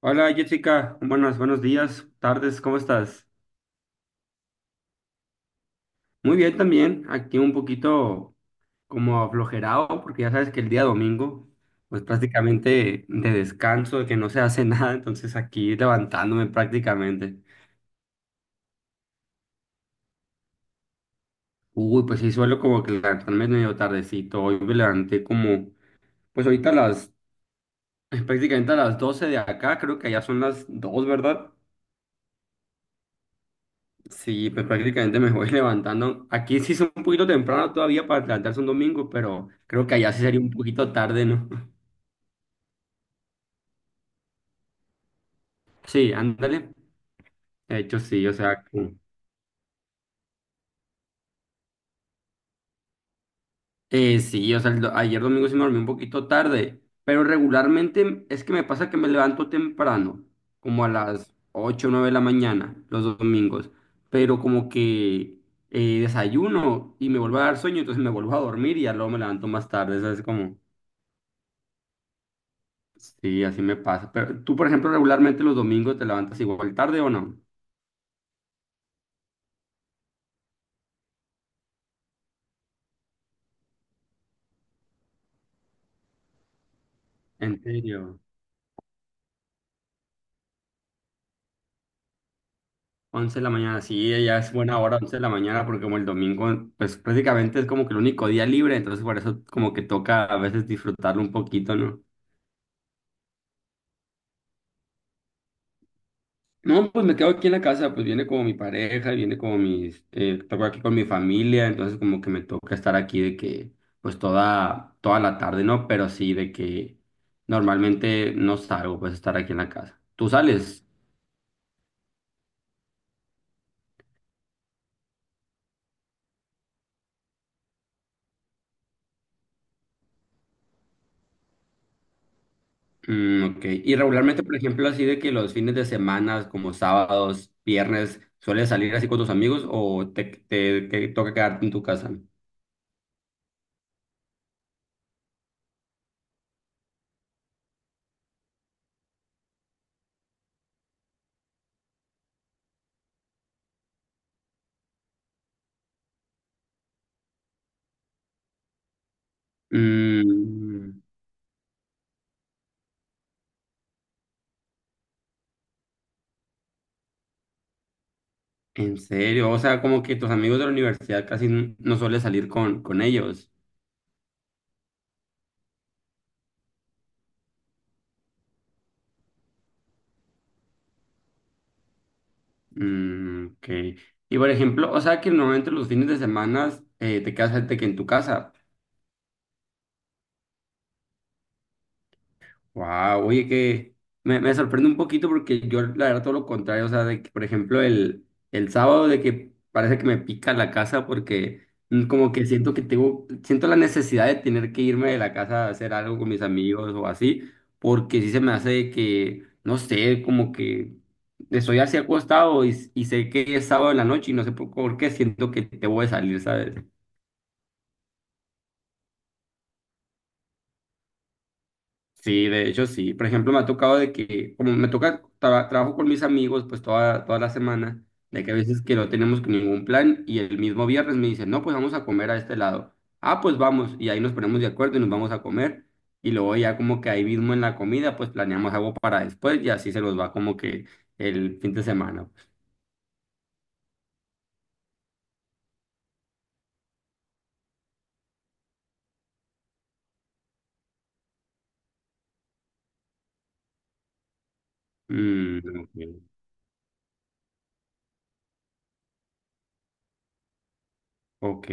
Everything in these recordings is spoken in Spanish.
Hola Jessica. Buenas, buenos días, tardes, ¿cómo estás? Muy bien también, aquí un poquito como aflojerado, porque ya sabes que el día domingo, pues prácticamente de descanso, de que no se hace nada, entonces aquí levantándome prácticamente. Uy, pues sí, suelo como que levantarme medio tardecito, hoy me levanté como, pues ahorita a las, prácticamente a las 12 de acá, creo que ya son las 2, ¿verdad? Sí, pues prácticamente me voy levantando. Aquí sí es un poquito temprano todavía para levantarse un domingo, pero creo que allá sí sería un poquito tarde, ¿no? Sí, ándale. De hecho, sí, o sea, que- sí, o sea, el do- ayer domingo sí me dormí un poquito tarde, pero regularmente es que me pasa que me levanto temprano, como a las 8 o 9 de la mañana, los dos domingos, pero como que desayuno y me vuelvo a dar sueño, entonces me vuelvo a dormir y ya luego me levanto más tarde, ¿sabes? Como... Sí, así me pasa. Pero tú, por ejemplo, regularmente los domingos te levantas igual tarde o no? En serio. Once de la mañana, sí, ya es buena hora, 11 de la mañana, porque como el domingo, pues prácticamente es como que el único día libre, entonces por eso como que toca a veces disfrutarlo un poquito, ¿no? No, pues me quedo aquí en la casa, pues viene como mi pareja, viene como mis, toco aquí con mi familia, entonces como que me toca estar aquí de que, pues toda la tarde, ¿no? Pero sí de que normalmente no salgo, pues estar aquí en la casa. ¿Tú sales? Mm, ok. Y regularmente, por ejemplo, así de que los fines de semana, como sábados, viernes, ¿sueles salir así con tus amigos o te toca quedarte en tu casa? Mm, en serio, o sea, como que tus amigos de la universidad casi n- no sueles salir con ellos. Mm, ok. Y por ejemplo, o sea que normalmente los fines de semana te quedas de que en tu casa. Wow, oye, que me sorprende un poquito porque yo, la verdad, todo lo contrario, o sea, de que, por ejemplo, el sábado de que parece que me pica la casa porque como que siento que tengo, siento la necesidad de tener que irme de la casa a hacer algo con mis amigos o así, porque sí se me hace de que, no sé, como que estoy así acostado y sé que es sábado en la noche y no sé por qué siento que te voy a salir, ¿sabes? Sí, de hecho sí. Por ejemplo, me ha tocado de que, como me toca, tra- trabajo con mis amigos pues toda la semana, de que a veces que no tenemos ningún plan y el mismo viernes me dicen, no, pues vamos a comer a este lado. Ah, pues vamos. Y ahí nos ponemos de acuerdo y nos vamos a comer. Y luego ya como que ahí mismo en la comida pues planeamos algo para después y así se nos va como que el fin de semana, pues. Mm, ok. Ok.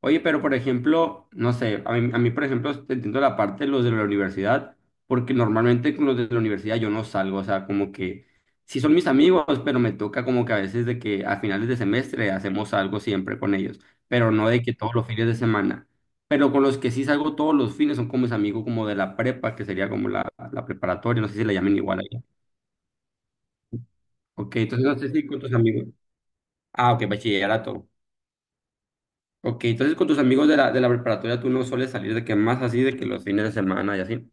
Oye, pero por ejemplo, no sé, a mí, por ejemplo, te entiendo la parte de los de la universidad, porque normalmente con los de la universidad yo no salgo, o sea, como que sí son mis amigos, pero me toca como que a veces de que a finales de semestre hacemos algo siempre con ellos, pero no de que todos los fines de semana. Pero con los que sí salgo todos los fines son como mis amigos como de la prepa, que sería como la preparatoria, no sé si la llamen igual allá. Ok, entonces no sé si con tus amigos. Ah, ok, bachillerato. Ok, entonces con tus amigos de de la preparatoria tú no sueles salir de que más así, de que los fines de semana y así.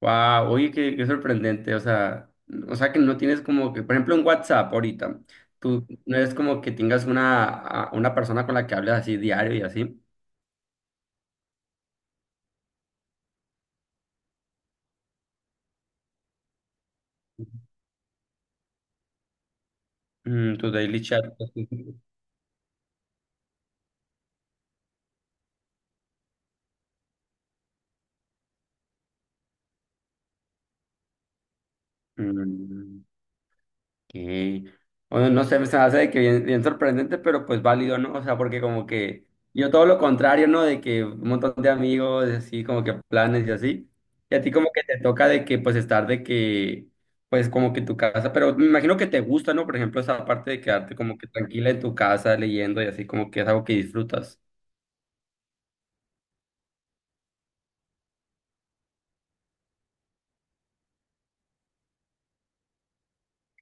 Wow, oye, qué sorprendente, o sea que no tienes como que, por ejemplo, en WhatsApp ahorita, tú no es como que tengas una, a- una persona con la que hables así diario y así. Mm, tu daily chat. Mm. Que, bueno, no sé, se me hace de que bien, bien sorprendente, pero pues válido, ¿no? O sea, porque como que yo todo lo contrario, ¿no? De que un montón de amigos, así, como que planes y así. Y a ti como que te toca de que, pues, estar de que, pues, como que en tu casa, pero me imagino que te gusta, ¿no? Por ejemplo, esa parte de quedarte como que tranquila en tu casa leyendo y así, como que es algo que disfrutas.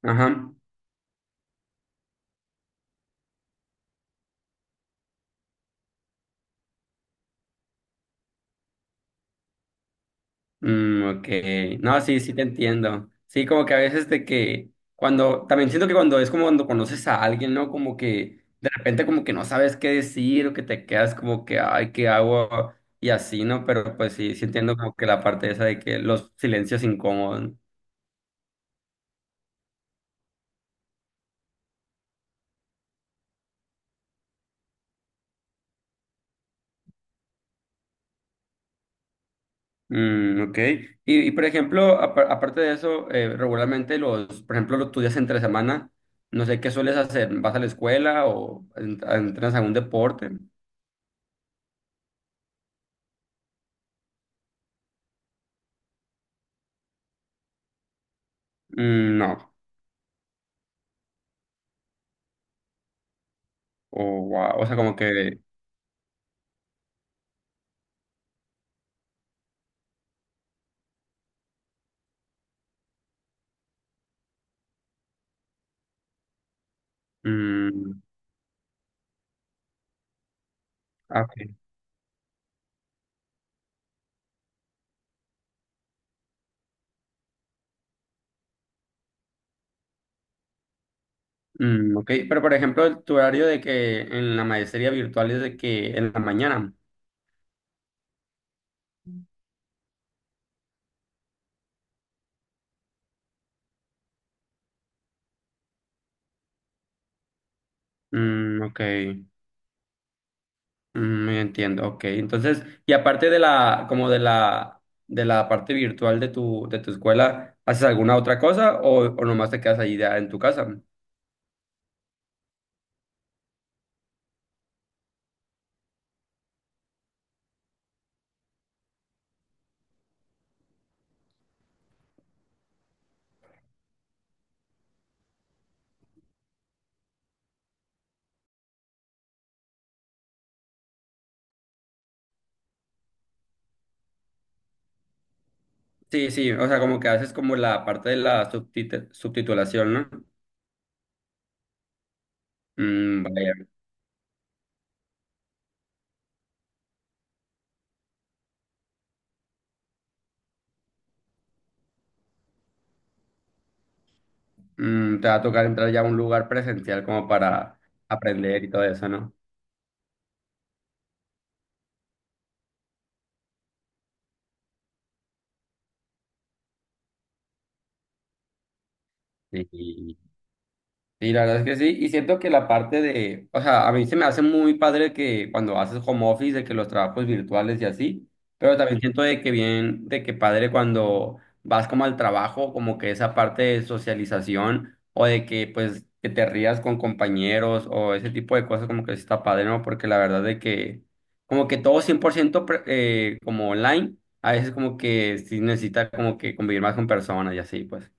Ajá. Mm, ok. No, sí, sí te entiendo. Sí, como que a veces de que cuando, también siento que cuando es como cuando conoces a alguien, ¿no? Como que de repente como que no sabes qué decir o que te quedas como que, ay, ¿qué hago? Y así, ¿no? Pero pues sí, sí entiendo como que la parte esa de que los silencios incómodos. Mm, ok. Por ejemplo, apa- aparte de eso, regularmente los, por ejemplo, los estudias entre semana, no sé qué sueles hacer, ¿vas a la escuela o en- entrenas algún deporte? Mm, no. O, wow, o sea, como que... Mm, ah, ok. Mm, ok, pero por ejemplo, tu horario de que en la maestría virtual es de que en la mañana. Mm, ok, mm, entiendo, ok. Entonces, y aparte de la, como de de la parte virtual de de tu escuela, ¿haces alguna otra cosa o nomás te quedas ahí ya en tu casa? Sí, sí, o sea, como que haces como la parte de la subtit- subtitulación, ¿no? Mm, vaya. Mm, te va a tocar entrar ya a un lugar presencial como para aprender y todo eso, ¿no? Sí, sí, la verdad es que sí, y siento que la parte de, o sea, a mí se me hace muy padre que cuando haces home office, de que los trabajos virtuales y así, pero también siento de que bien, de que padre cuando vas como al trabajo, como que esa parte de socialización o de que pues que te rías con compañeros o ese tipo de cosas como que sí está padre, ¿no? Porque la verdad de que como que todo 100% pre- como online, a veces como que sí necesita como que convivir más con personas y así, pues.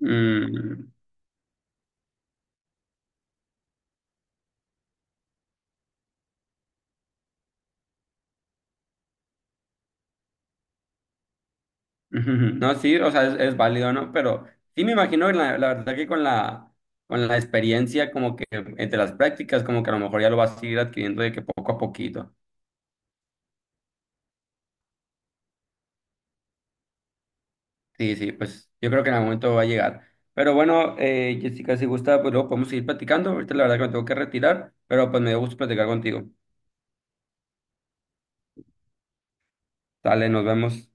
Mm. Ujú, ujú. No, sí, o sea, es válido, ¿no? Pero sí me imagino, la verdad que con con la experiencia, como que entre las prácticas, como que a lo mejor ya lo vas a ir adquiriendo de que poco a poquito. Sí, sí, pues yo creo que en algún momento va a llegar. Pero bueno, Jessica, si gusta, pues luego podemos seguir platicando. Ahorita la verdad que me tengo que retirar, pero pues me dio gusto platicar contigo. Dale, nos vemos.